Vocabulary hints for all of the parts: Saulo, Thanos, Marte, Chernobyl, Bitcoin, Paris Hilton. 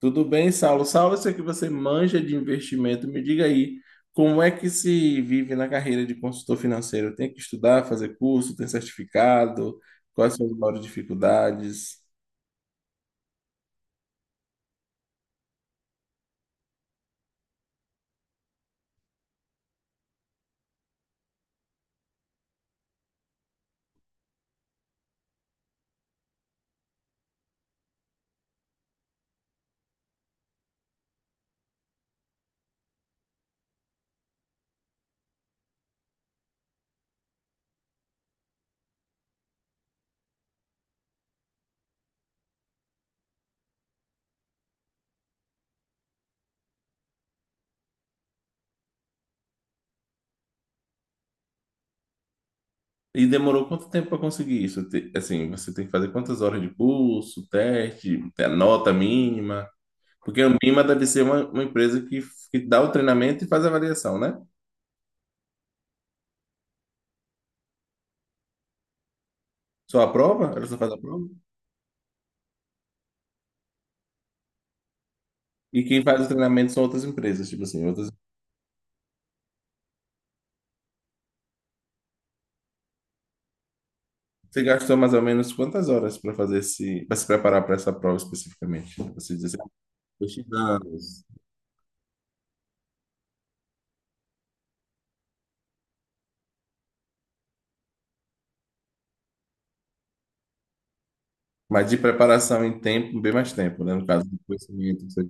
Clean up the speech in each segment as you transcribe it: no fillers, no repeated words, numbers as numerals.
Tudo bem, Saulo? Saulo, eu sei que você manja de investimento. Me diga aí, como é que se vive na carreira de consultor financeiro? Tem que estudar, fazer curso, tem certificado? Quais são as maiores dificuldades? E demorou quanto tempo para conseguir isso? Assim, você tem que fazer quantas horas de curso, teste, a nota mínima? Porque a mínima deve ser uma empresa que dá o treinamento e faz a avaliação, né? Só aprova? Ela só faz a prova? E quem faz o treinamento são outras empresas, tipo assim, outras. Você gastou mais ou menos quantas horas para fazer para se preparar para essa prova especificamente? Você diz assim, "Ah, 2 anos." Mas de preparação em tempo, bem mais tempo, né? No caso do conhecimento. Você...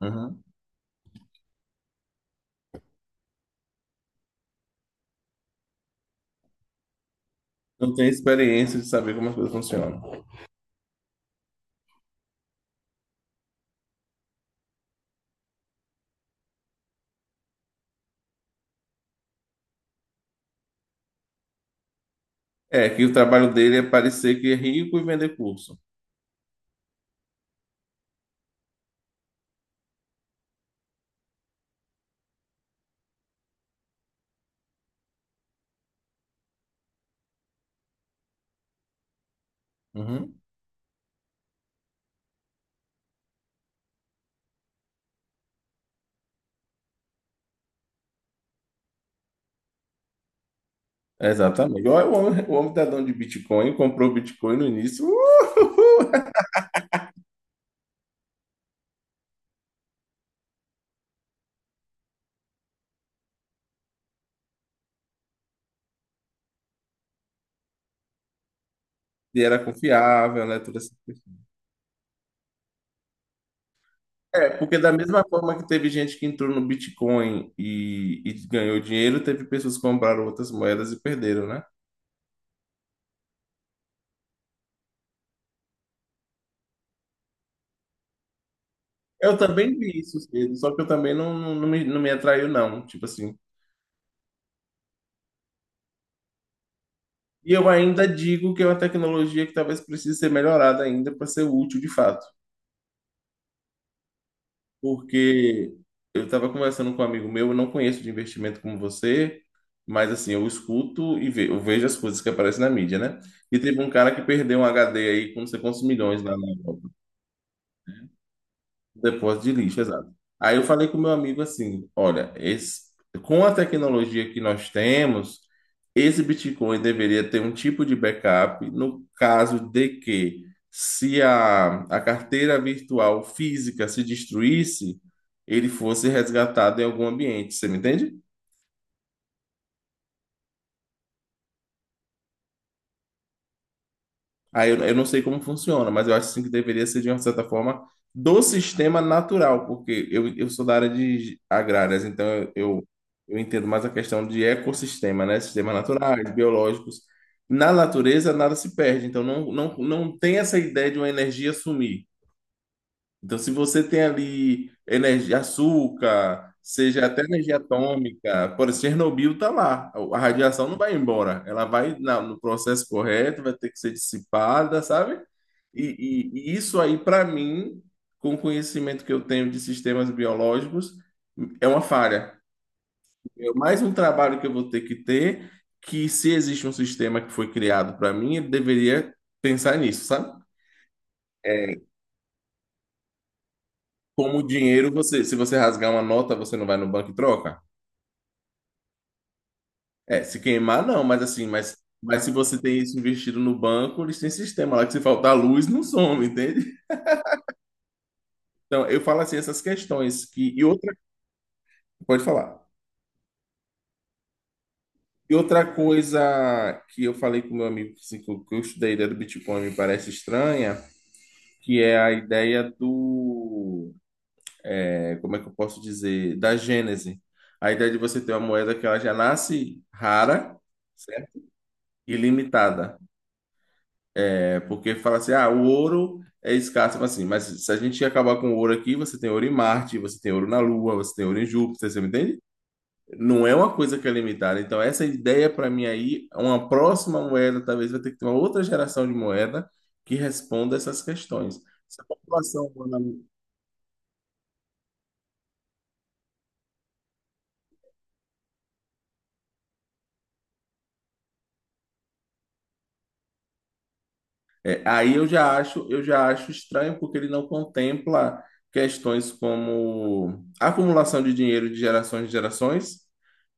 Uhum. Não tem experiência de saber como as coisas funcionam. É, que o trabalho dele é parecer que é rico e vender curso. Uhum. Exatamente. Olha, o homem tá dono de Bitcoin, comprou Bitcoin no início, uhul! E era confiável, né? Tudo assim. É, porque da mesma forma que teve gente que entrou no Bitcoin e ganhou dinheiro, teve pessoas que compraram outras moedas e perderam, né? Eu também vi isso cedo, só que eu também não me atraiu, não, tipo assim. E eu ainda digo que é uma tecnologia que talvez precise ser melhorada ainda para ser útil de fato. Porque eu estava conversando com um amigo meu, eu não conheço de investimento como você, mas assim, eu escuto e eu vejo as coisas que aparecem na mídia, né? E teve um cara que perdeu um HD aí com não sei quantos milhões lá na Europa. Depósito de lixo, exato. Aí eu falei com meu amigo assim, olha, esse, com a tecnologia que nós temos, esse Bitcoin deveria ter um tipo de backup no caso de que, se a carteira virtual física se destruísse, ele fosse resgatado em algum ambiente. Você me entende? Aí eu não sei como funciona, mas eu acho assim, que deveria ser de uma certa forma do sistema natural, porque eu sou da área de agrárias, então eu entendo mais a questão de ecossistema, né? Sistemas naturais, biológicos. Na natureza, nada se perde, então não tem essa ideia de uma energia sumir. Então, se você tem ali energia, açúcar, seja até energia atômica, por exemplo, Chernobyl está lá. A radiação não vai embora. Ela vai no processo correto, vai ter que ser dissipada, sabe? E, e isso aí, para mim, com o conhecimento que eu tenho de sistemas biológicos, é uma falha. É mais um trabalho que eu vou ter, que se existe um sistema que foi criado para mim, ele deveria pensar nisso, sabe? É. Como o dinheiro, você, se você rasgar uma nota, você não vai no banco e troca? É, se queimar, não, mas assim, mas se você tem isso investido no banco, eles têm sistema lá que se faltar luz, não some, entende? Então, eu falo assim, essas questões que. E outra. Pode falar. E outra coisa que eu falei com meu amigo assim, que eu estudei a ideia do Bitcoin me parece estranha, que é a ideia do. É, como é que eu posso dizer? Da gênese. A ideia de você ter uma moeda que ela já nasce rara, certo? Ilimitada. É porque fala assim, ah, o ouro é escasso, mas assim, mas se a gente acabar com o ouro aqui, você tem ouro em Marte, você tem ouro na Lua, você tem ouro em Júpiter, você me entende? Não é uma coisa que é limitada. Então, essa ideia para mim aí, uma próxima moeda, talvez vai ter que ter uma outra geração de moeda que responda essas questões. Se a população humana- é, aí eu já acho estranho porque ele não contempla questões como acumulação de dinheiro de gerações em gerações,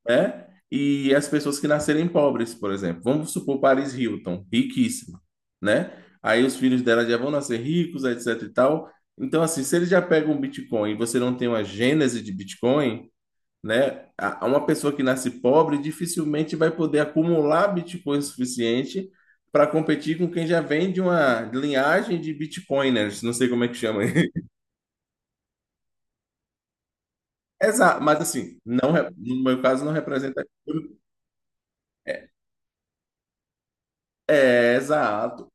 né? E as pessoas que nascerem pobres, por exemplo. Vamos supor Paris Hilton, riquíssima, né? Aí os filhos dela já vão nascer ricos, etc e tal. Então, assim, se eles já pegam um Bitcoin e você não tem uma gênese de Bitcoin, né? Uma pessoa que nasce pobre dificilmente vai poder acumular Bitcoin suficiente para competir com quem já vem de uma linhagem de Bitcoiners, não sei como é que chama. Exato, mas assim, no meu caso não representa. É, exato.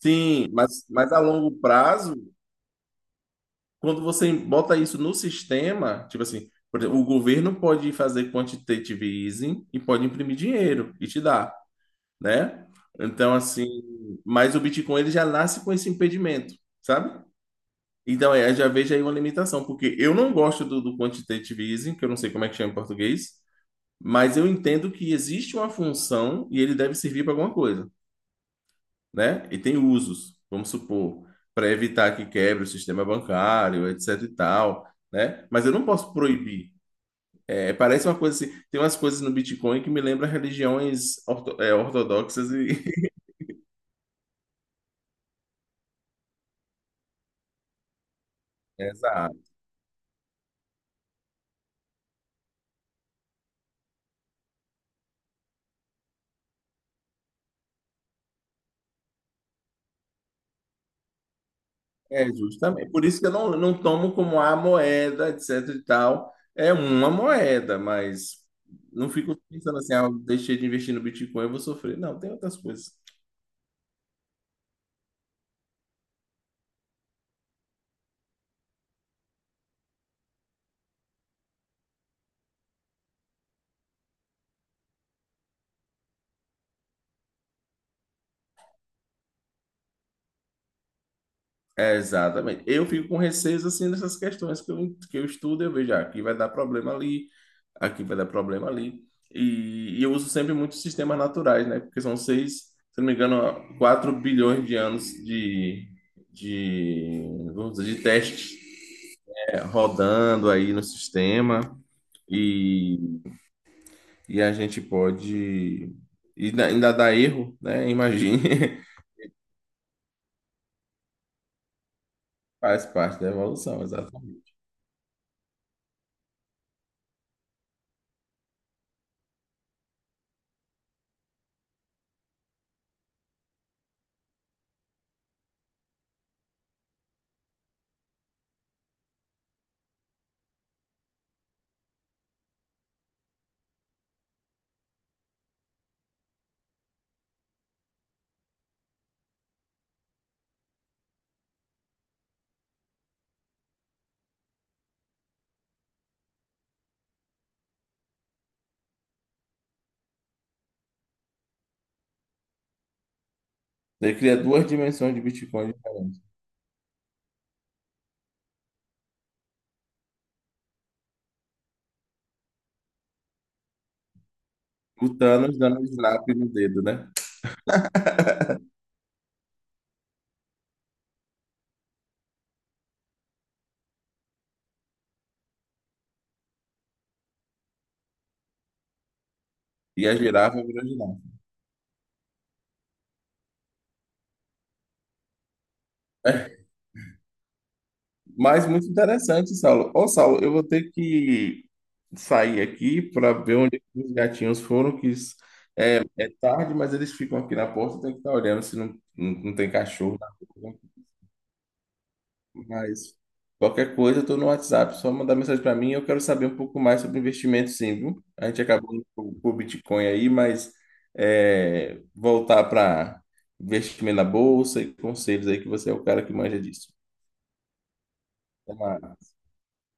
Sim, mas a longo prazo, quando você bota isso no sistema, tipo assim, por exemplo, o governo pode fazer quantitative easing e pode imprimir dinheiro e te dar, né? Então, assim, mas o Bitcoin ele já nasce com esse impedimento, sabe? Então, é, já vejo aí uma limitação, porque eu não gosto do quantitative easing, que eu não sei como é que chama em português, mas eu entendo que existe uma função e ele deve servir para alguma coisa. Né? E tem usos, vamos supor, para evitar que quebre o sistema bancário, etc e tal, né? Mas eu não posso proibir. É, parece uma coisa assim, tem umas coisas no Bitcoin que me lembra religiões é, ortodoxas e... Exato. É, justamente. Por isso que eu não tomo como a moeda, etc e tal. É uma moeda, mas não fico pensando assim, ah, eu deixei de investir no Bitcoin, eu vou sofrer. Não, tem outras coisas. É, exatamente. Eu fico com receio assim dessas questões que que eu estudo, eu vejo, ah, aqui vai dar problema ali, aqui vai dar problema ali. E eu uso sempre muitos sistemas naturais, né? Porque são seis, se não me engano, 4 bilhões de anos de, vamos dizer, de testes, é, rodando aí no sistema. E, e a gente pode. E ainda dá erro, né? Imagine. Faz parte da evolução, exatamente. Daí cria duas dimensões de Bitcoin diferentes. O Thanos dando snap no dedo, né? E a girafa virou girafa. Mas muito interessante, Saulo. Ô, Saulo, eu vou ter que sair aqui para ver onde os gatinhos foram, que é tarde, mas eles ficam aqui na porta, tem que estar olhando se não, não tem cachorro na rua. Mas qualquer coisa, eu tô no WhatsApp, só mandar mensagem para mim. Eu quero saber um pouco mais sobre investimento, sim, viu? A gente acabou indo pro Bitcoin aí, mas é, voltar para investimento na bolsa e conselhos aí, que você é o cara que manja disso. Até mais.